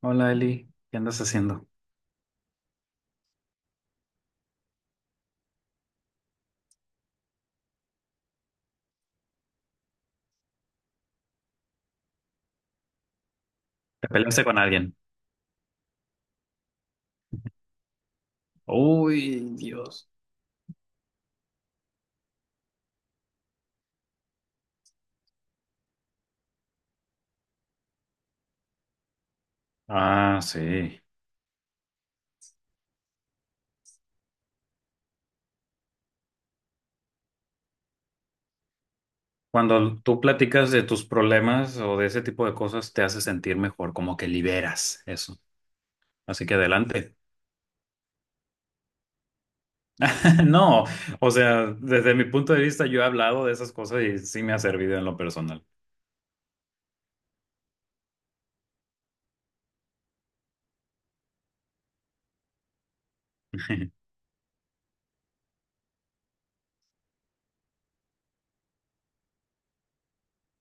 Hola Eli, ¿qué andas haciendo? ¿Te peleaste con alguien? Uy, Dios. Ah, sí. Cuando tú platicas de tus problemas o de ese tipo de cosas, te hace sentir mejor, como que liberas eso. Así que adelante. No, o sea, desde mi punto de vista, yo he hablado de esas cosas y sí me ha servido en lo personal.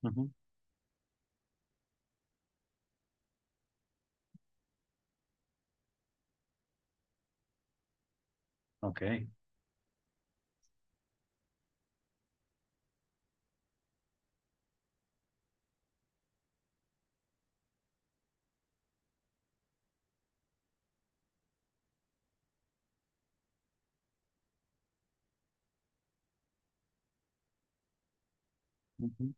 Ujú. Ok. Ujú,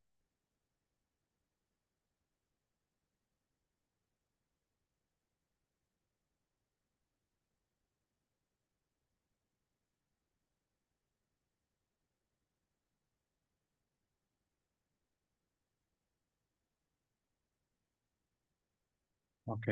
Ok.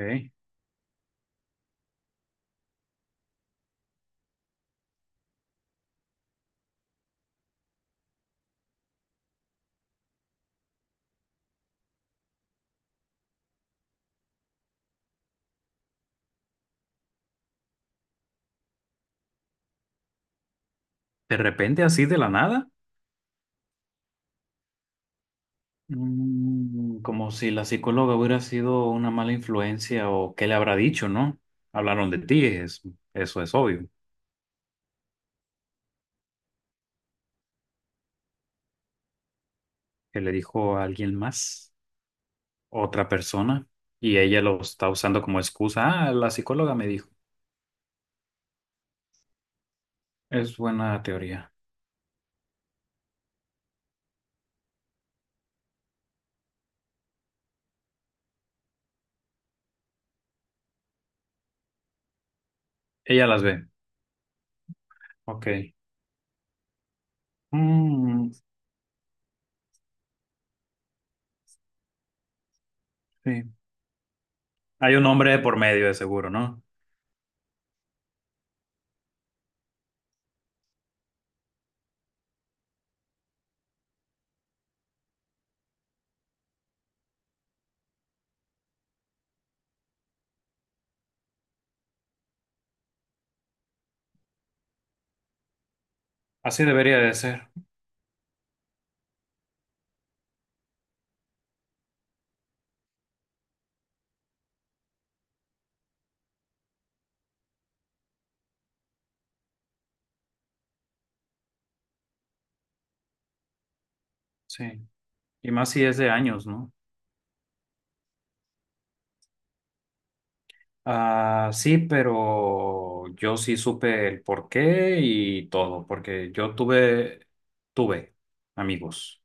¿De repente así de la nada? Mm, como si la psicóloga hubiera sido una mala influencia o qué le habrá dicho, ¿no? Hablaron de ti, eso es obvio. Que le dijo a alguien más, otra persona, y ella lo está usando como excusa. Ah, la psicóloga me dijo. Es buena teoría. Ella las ve. Ok. Mm, sí. Hay un hombre por medio de seguro, ¿no? Así debería de ser. Sí. Y más si es de años, ¿no? Ah, sí, pero yo sí supe el porqué y todo, porque yo tuve amigos.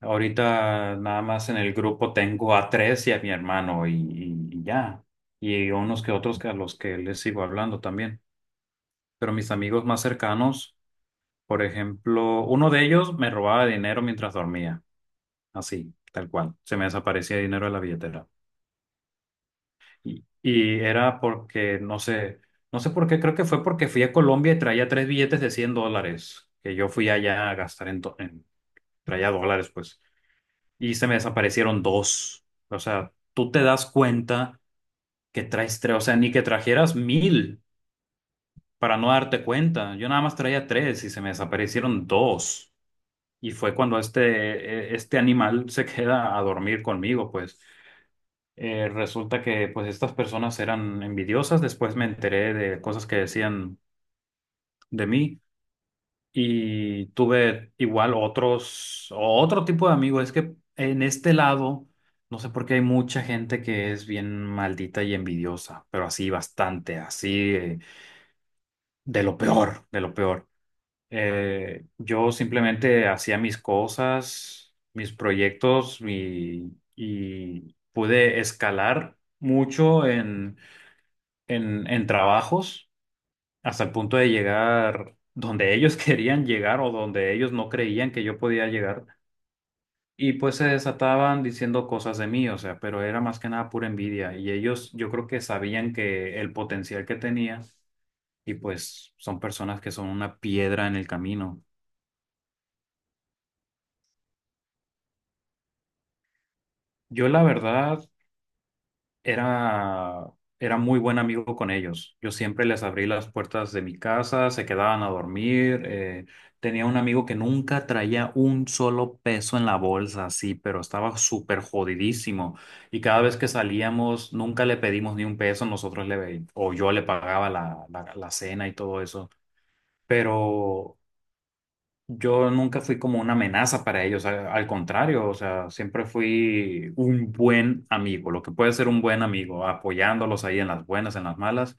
Ahorita nada más en el grupo tengo a tres y a mi hermano y ya. Y unos que otros que a los que les sigo hablando también. Pero mis amigos más cercanos, por ejemplo, uno de ellos me robaba dinero mientras dormía, así, tal cual. Se me desaparecía dinero de la billetera. Y era porque, no sé por qué, creo que fue porque fui a Colombia y traía tres billetes de $100, que yo fui allá a gastar traía dólares, pues, y se me desaparecieron dos. O sea, tú te das cuenta que traes tres, o sea, ni que trajeras mil para no darte cuenta. Yo nada más traía tres y se me desaparecieron dos. Y fue cuando este animal se queda a dormir conmigo, pues. Resulta que pues estas personas eran envidiosas, después me enteré de cosas que decían de mí y tuve igual otro tipo de amigos. Es que en este lado, no sé por qué hay mucha gente que es bien maldita y envidiosa, pero así bastante, así, de lo peor, de lo peor. Yo simplemente hacía mis cosas, mis proyectos y pude escalar mucho en en trabajos hasta el punto de llegar donde ellos querían llegar o donde ellos no creían que yo podía llegar. Y pues se desataban diciendo cosas de mí, o sea, pero era más que nada pura envidia. Y ellos yo creo que sabían que el potencial que tenía y pues son personas que son una piedra en el camino. Yo la verdad era, era muy buen amigo con ellos. Yo siempre les abrí las puertas de mi casa, se quedaban a dormir. Tenía un amigo que nunca traía un solo peso en la bolsa, así, pero estaba súper jodidísimo. Y cada vez que salíamos, nunca le pedimos ni un peso, o yo le pagaba la cena y todo eso. Pero yo nunca fui como una amenaza para ellos, al contrario, o sea, siempre fui un buen amigo, lo que puede ser un buen amigo, apoyándolos ahí en las buenas, en las malas,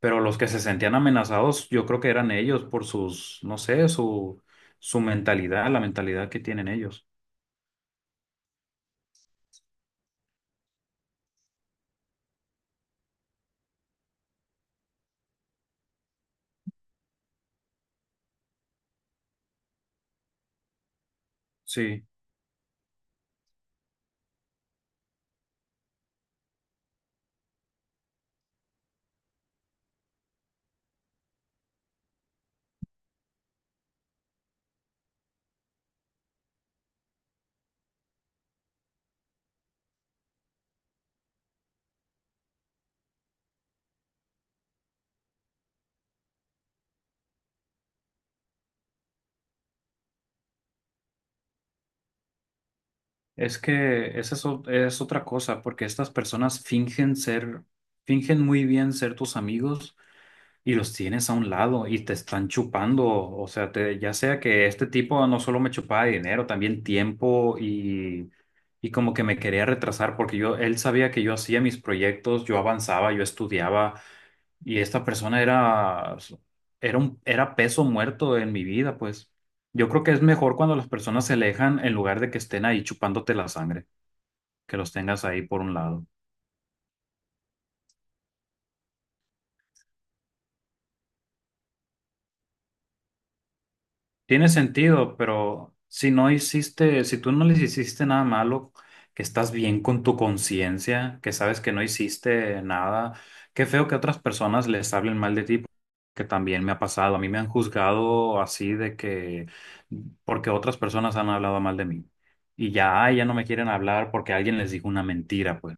pero los que se sentían amenazados, yo creo que eran ellos por sus, no sé, su mentalidad, la mentalidad que tienen ellos. Sí, es que esa es otra cosa, porque estas personas fingen muy bien ser tus amigos y los tienes a un lado y te están chupando, o sea, ya sea que este tipo no solo me chupaba dinero, también tiempo y como que me quería retrasar porque él sabía que yo hacía mis proyectos, yo avanzaba, yo estudiaba y esta persona era peso muerto en mi vida, pues. Yo creo que es mejor cuando las personas se alejan en lugar de que estén ahí chupándote la sangre, que los tengas ahí por un lado. Tiene sentido, pero si no hiciste, si tú no les hiciste nada malo, que estás bien con tu conciencia, que sabes que no hiciste nada, qué feo que otras personas les hablen mal de ti, que también me ha pasado. A mí me han juzgado así de que, porque otras personas han hablado mal de mí. Y ya, ay, ya no me quieren hablar porque alguien les dijo una mentira, pues.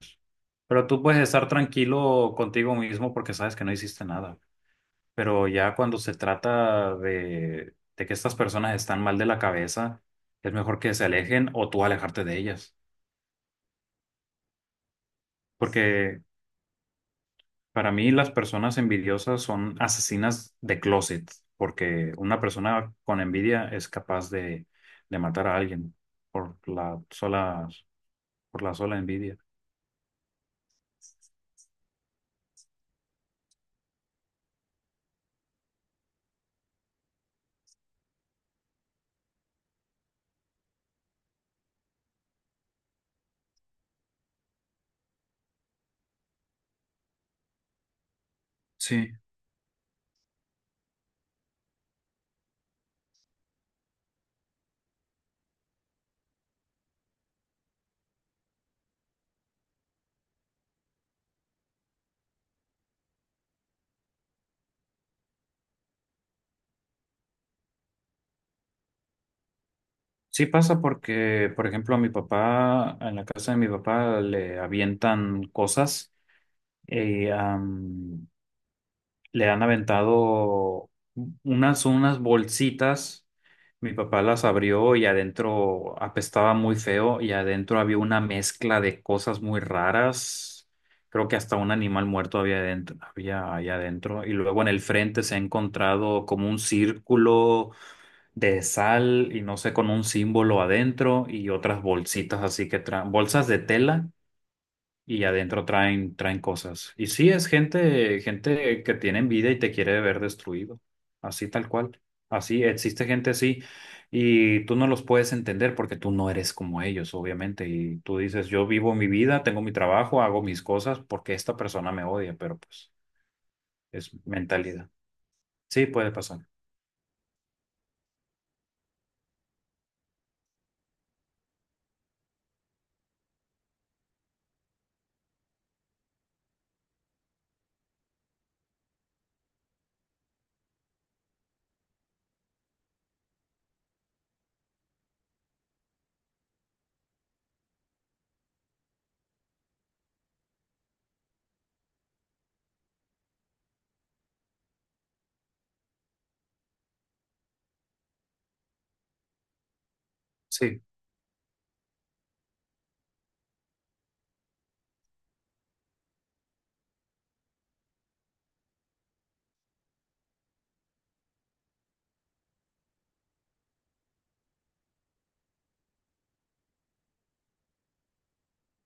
Pero tú puedes estar tranquilo contigo mismo porque sabes que no hiciste nada. Pero ya cuando se trata de que estas personas están mal de la cabeza, es mejor que se alejen o tú alejarte de ellas. Porque para mí las personas envidiosas son asesinas de closet, porque una persona con envidia es capaz de matar a alguien por la sola, por la sola envidia. Sí. Sí pasa porque, por ejemplo, a mi papá, en la casa de mi papá le avientan cosas. Y le han aventado unas bolsitas. Mi papá las abrió y adentro apestaba muy feo y adentro había una mezcla de cosas muy raras. Creo que hasta un animal muerto había adentro, había ahí adentro. Y luego en el frente se ha encontrado como un círculo de sal y no sé, con un símbolo adentro y otras bolsitas así que traen, bolsas de tela y adentro traen cosas. Y sí, es gente que tiene envidia y te quiere ver destruido, así tal cual. Así existe gente así y tú no los puedes entender porque tú no eres como ellos, obviamente. Y tú dices, yo vivo mi vida, tengo mi trabajo, hago mis cosas porque esta persona me odia, pero pues es mentalidad. Sí, puede pasar. Sí.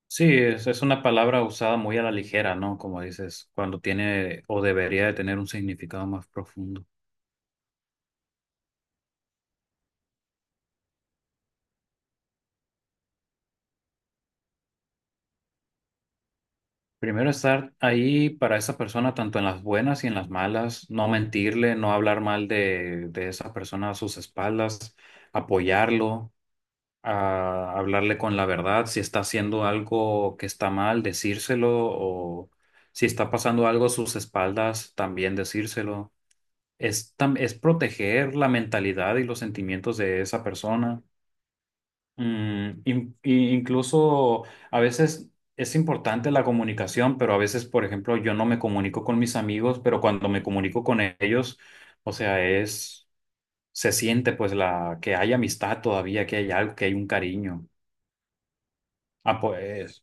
Sí, es una palabra usada muy a la ligera, ¿no? Como dices, cuando tiene o debería de tener un significado más profundo. Primero estar ahí para esa persona, tanto en las buenas y en las malas, no mentirle, no hablar mal de esa persona a sus espaldas, apoyarlo, a hablarle con la verdad, si está haciendo algo que está mal, decírselo, o si está pasando algo a sus espaldas, también decírselo. Es proteger la mentalidad y los sentimientos de esa persona. Mm, incluso a veces es importante la comunicación, pero a veces, por ejemplo, yo no me comunico con mis amigos, pero cuando me comunico con ellos, o sea, se siente pues la que hay amistad todavía, que hay algo, que hay un cariño. Ah, pues.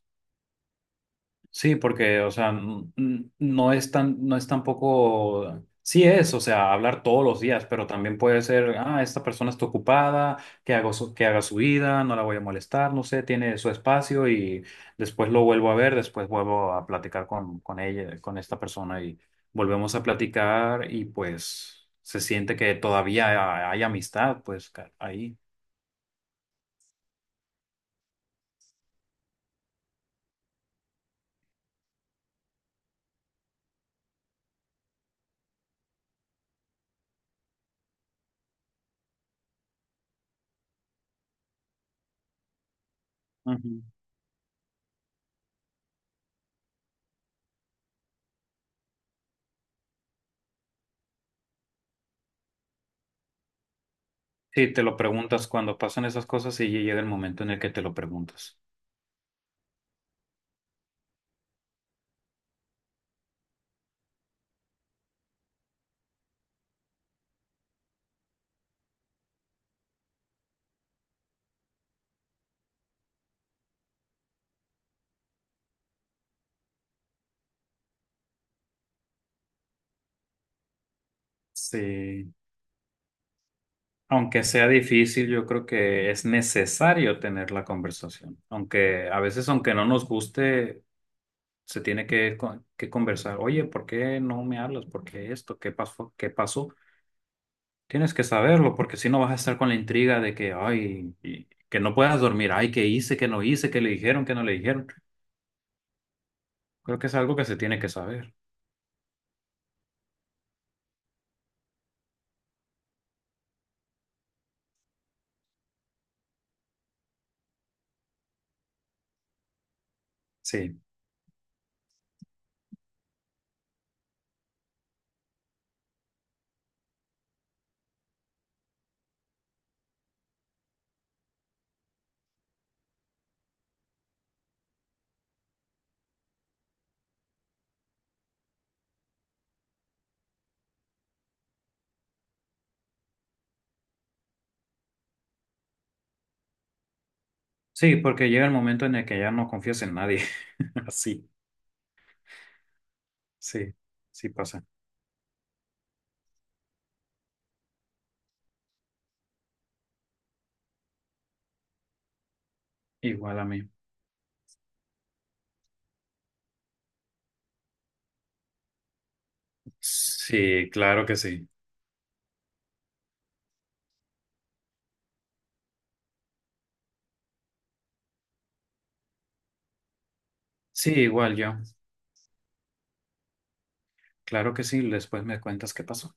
Sí, porque, o sea, no es tan, no es tampoco, sí es, o sea, hablar todos los días, pero también puede ser, ah, esta persona está ocupada, que hago que haga su vida, no la voy a molestar, no sé, tiene su espacio y después lo vuelvo a ver, después vuelvo a platicar con, ella, con esta persona y volvemos a platicar y pues se siente que todavía hay amistad, pues ahí. Ujú. Sí, te lo preguntas cuando pasan esas cosas y llega el momento en el que te lo preguntas. Sí. Aunque sea difícil, yo creo que es necesario tener la conversación. Aunque a veces, aunque no nos guste, se tiene que, que conversar. Oye, ¿por qué no me hablas? ¿Por qué esto? ¿Qué pasó? ¿Qué pasó? Tienes que saberlo, porque si no vas a estar con la intriga de que, ay, que no puedas dormir. Ay, ¿qué hice? ¿Qué no hice? ¿Qué le dijeron? ¿Qué no le dijeron? Creo que es algo que se tiene que saber. Sí. Sí, porque llega el momento en el que ya no confías en nadie. Así. Sí, sí pasa. Igual a mí. Sí, claro que sí. Sí, igual yo. Claro que sí. Después me cuentas qué pasó.